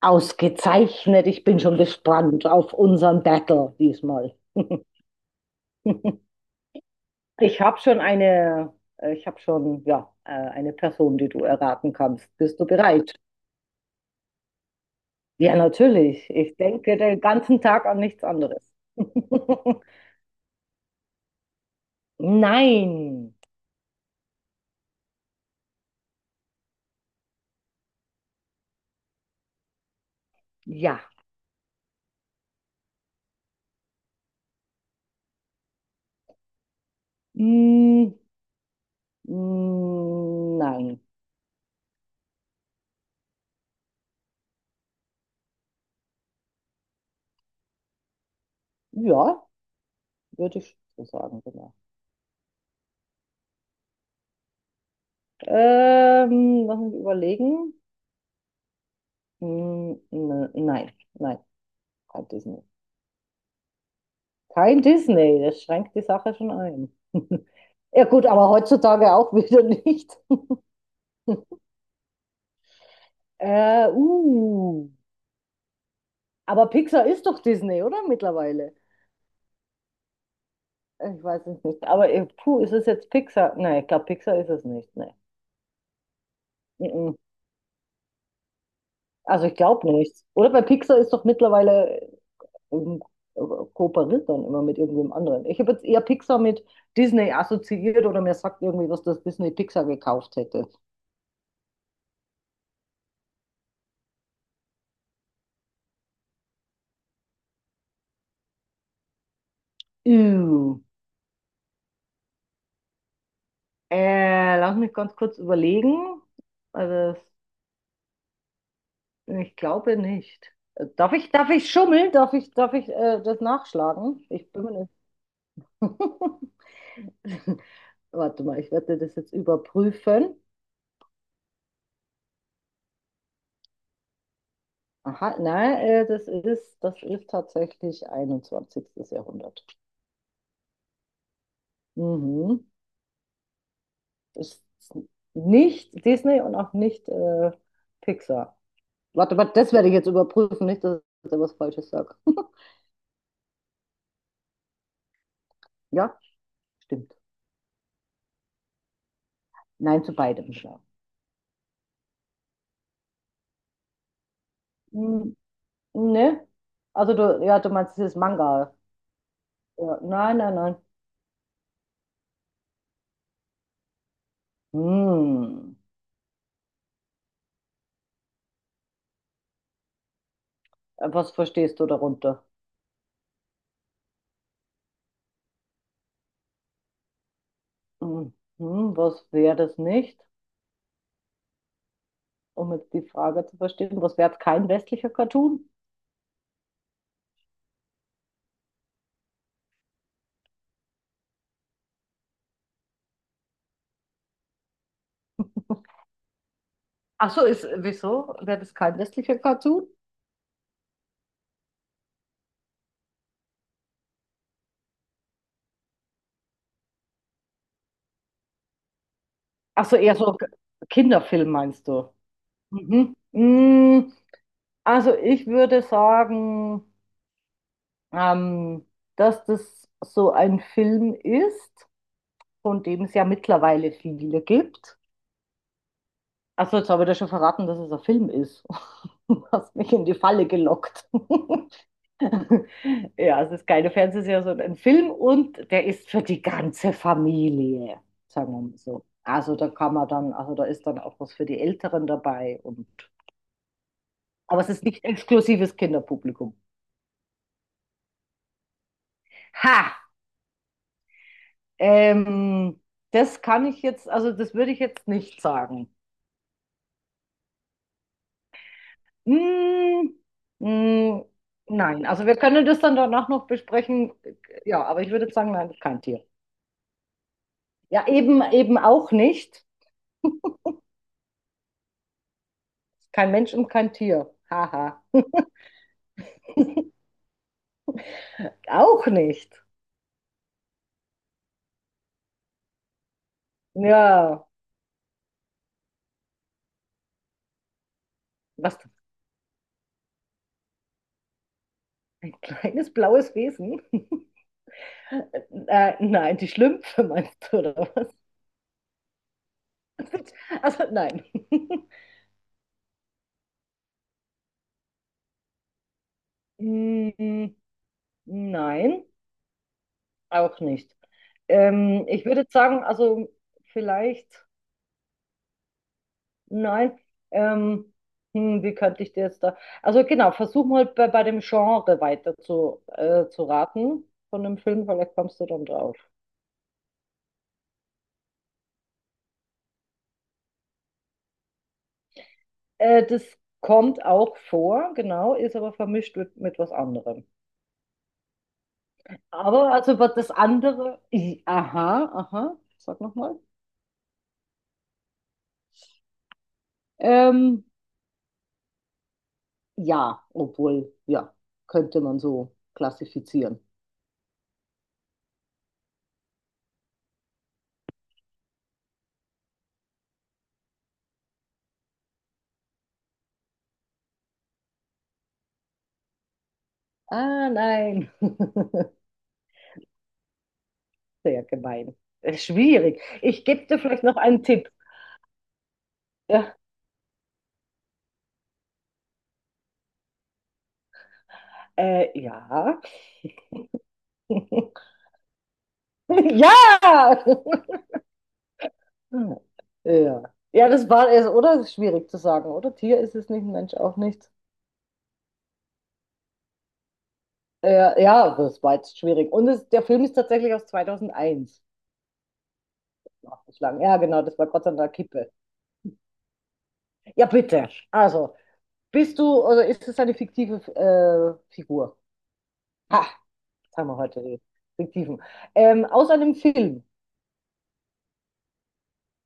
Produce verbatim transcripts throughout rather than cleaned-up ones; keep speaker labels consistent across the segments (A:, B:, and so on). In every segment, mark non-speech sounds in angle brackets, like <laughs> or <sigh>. A: Ausgezeichnet. Ich bin schon gespannt auf unseren Battle diesmal. <laughs> Ich habe schon eine, äh, ich habe schon, ja, äh, eine Person, die du erraten kannst. Bist du bereit? Ja, natürlich. Ich denke den ganzen Tag an nichts anderes. <laughs> Nein. Ja. Mm, mm, nein. Ja, würde ich so sagen, genau. Ähm, lass mich überlegen. Mm, ne- nein, nein, kein Disney. Kein Disney, das schränkt die Sache schon ein. <laughs> Ja gut, aber heutzutage auch <laughs> wieder nicht. Äh, uh. Aber Pixar ist doch Disney, oder? Mittlerweile. Ich weiß es nicht. Aber äh, puh, ist es jetzt Pixar? Nein, ich glaube, Pixar ist es nicht. Nee. Mhm. Also ich glaube nicht. Oder bei Pixar ist doch mittlerweile ähm, kooperiert dann immer mit irgendwem anderen. Ich habe jetzt eher Pixar mit Disney assoziiert oder mir sagt irgendwie, was das Disney Pixar gekauft hätte. Ew. Äh, lass mich ganz kurz überlegen. Also, das- ich glaube nicht. Äh, Darf ich, darf ich schummeln? Darf ich, darf ich äh, das nachschlagen? Ich bin mir nicht. <laughs> Warte mal, ich werde das jetzt überprüfen. Aha, nein, äh, das ist, das ist tatsächlich einundzwanzigste. Jahrhundert. Mhm. Ist nicht Disney und auch nicht äh, Pixar. Warte, warte, das werde ich jetzt überprüfen, nicht, dass ich da was Falsches sage. <laughs> Ja, stimmt. Nein zu beidem. Hm, ne? Also du, ja, du meinst dieses Manga. Ja, nein, nein, nein. Hm. Äh, Was verstehst du darunter? Hm, hm, was wäre das nicht? Um jetzt die Frage zu verstehen, was wäre kein westlicher Cartoon? Ach so, ist, wieso wäre das kein westlicher Cartoon? Ach so, eher so K- Kinderfilm meinst du? Mhm. Mm, also ich würde sagen, ähm, dass das so ein Film ist, von dem es ja mittlerweile viele gibt. Also jetzt habe ich dir schon verraten, dass es ein Film ist. <laughs> Du hast mich in die Falle gelockt. <laughs> Ja, es ist keine Fernsehserie, sondern ein Film und der ist für die ganze Familie, sagen wir mal so. Also da kann man dann, also da ist dann auch was für die Älteren dabei. Und, aber es ist nicht exklusives Kinderpublikum. Ha! Ähm, das kann ich jetzt, also das würde ich jetzt nicht sagen. Hm, hm, nein, also wir können das dann danach noch besprechen. Ja, aber ich würde sagen, nein, kein Tier. Ja, eben, eben auch nicht. Kein Mensch und kein Tier. Haha. Auch nicht. Ja, was? Ein kleines blaues Wesen? <laughs> Äh, nein, die Schlümpfe meinst du, oder was? Also nein. <laughs> Mm, nein, auch nicht. Ähm, ich würde sagen, also vielleicht. Nein. Ähm, hm, wie könnte ich dir jetzt da. Also genau, versuch mal bei, bei dem Genre weiter zu, äh, zu raten von dem Film, vielleicht kommst du dann drauf. Äh, das kommt auch vor, genau, ist aber vermischt mit, mit was anderem. Aber also was das andere. I, aha, aha, sag nochmal. Ähm, ja, obwohl, ja, könnte man so klassifizieren. Ah, nein. <laughs> Sehr gemein. Äh, Schwierig. Ich gebe dir vielleicht noch einen Tipp. <laughs> Äh, ja. <laughs> Ja! Ja. Ja, das war es, oder? Das ist schwierig zu sagen, oder? Tier ist es nicht, Mensch auch nicht. Äh, ja, das war jetzt schwierig. Und es, der Film ist tatsächlich aus zweitausendeins, nachgeschlagen. Ja, genau, das war Gott an der Kippe. Ja, bitte. Also, bist du, oder ist es eine fiktive äh, Figur? Ha, jetzt haben wir heute die fiktiven. Ähm, aus einem Film.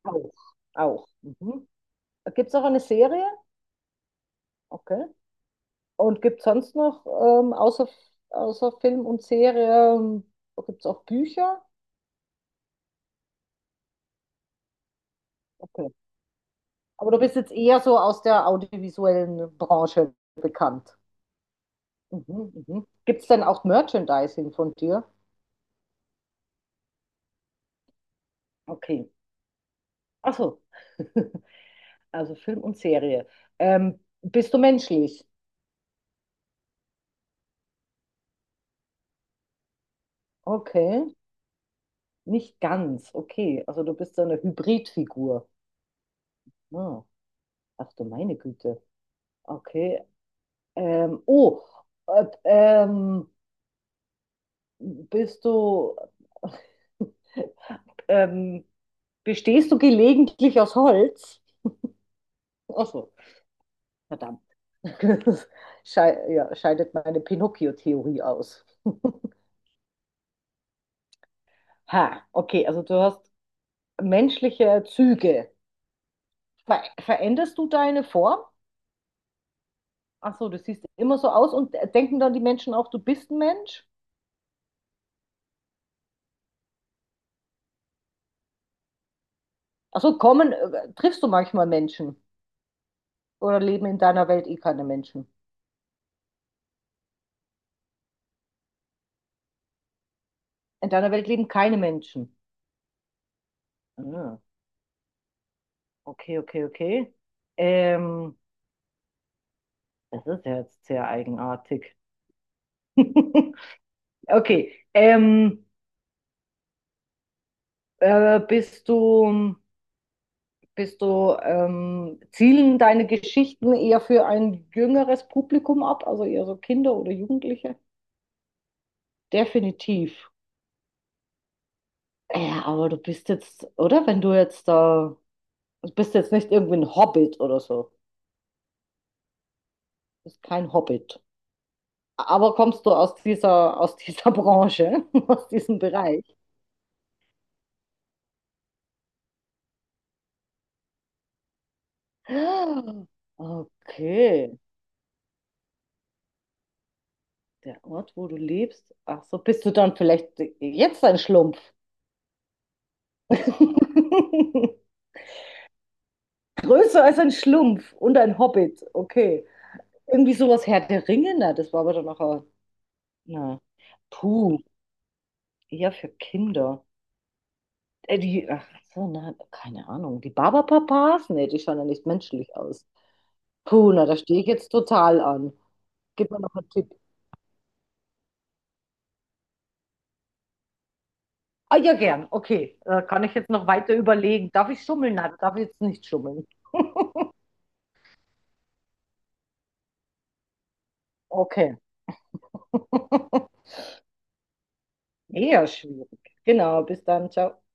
A: Auch. Auch. Mhm. Gibt es auch eine Serie? Okay. Und gibt es sonst noch, ähm, außer, außer Film und Serie, gibt es auch Bücher? Okay. Aber du bist jetzt eher so aus der audiovisuellen Branche bekannt. Mhm, mhm. Gibt es denn auch Merchandising von dir? Okay. Ach so. <laughs> Also Film und Serie. Ähm, bist du menschlich? Okay. Nicht ganz. Okay. Also du bist so eine Hybridfigur. Ah, ach du meine Güte. Okay. Ähm, oh, äh, ähm, Bist du, <laughs> ähm, bestehst du gelegentlich aus Holz? Ach so, verdammt. <laughs> Schei ja, scheidet meine Pinocchio-Theorie aus. Ha, okay, also du hast menschliche Züge. Ver veränderst du deine Form? Ach so, du siehst immer so aus und äh, denken dann die Menschen auch, du bist ein Mensch? Ach so, kommen, äh, triffst du manchmal Menschen? Oder leben in deiner Welt eh keine Menschen? In deiner Welt leben keine Menschen. Ah. Okay, okay, okay. Ähm, das ist ja jetzt sehr eigenartig. <laughs> Okay. Ähm, äh, bist du, bist du, ähm, zielen deine Geschichten eher für ein jüngeres Publikum ab, also eher so Kinder oder Jugendliche? Definitiv. Ja, aber du bist jetzt, oder? Wenn du jetzt da, du bist jetzt nicht irgendwie ein Hobbit oder so. Du bist kein Hobbit. Aber kommst du aus dieser, aus dieser <laughs> Branche, aus diesem Bereich? Ah, okay, der Ort, wo du lebst. Ach so, bist du dann vielleicht jetzt ein Schlumpf? <laughs> Größer als ein Schlumpf und ein Hobbit. Okay. Irgendwie sowas Herr der Ringe, na, das war aber dann auch. Ein- na. Puh, eher für Kinder. Äh, die, ach so, na, keine Ahnung. Die Barbapapas? Nee, die schauen ja nicht menschlich aus. Puh, na, da stehe ich jetzt total an. Gib mir noch einen Tipp. Ah, ja, gern. Okay. Äh, kann ich jetzt noch weiter überlegen. Darf ich schummeln? Nein, darf ich jetzt nicht schummeln. Okay. <laughs> Eher schwierig. Genau, bis dann. Ciao.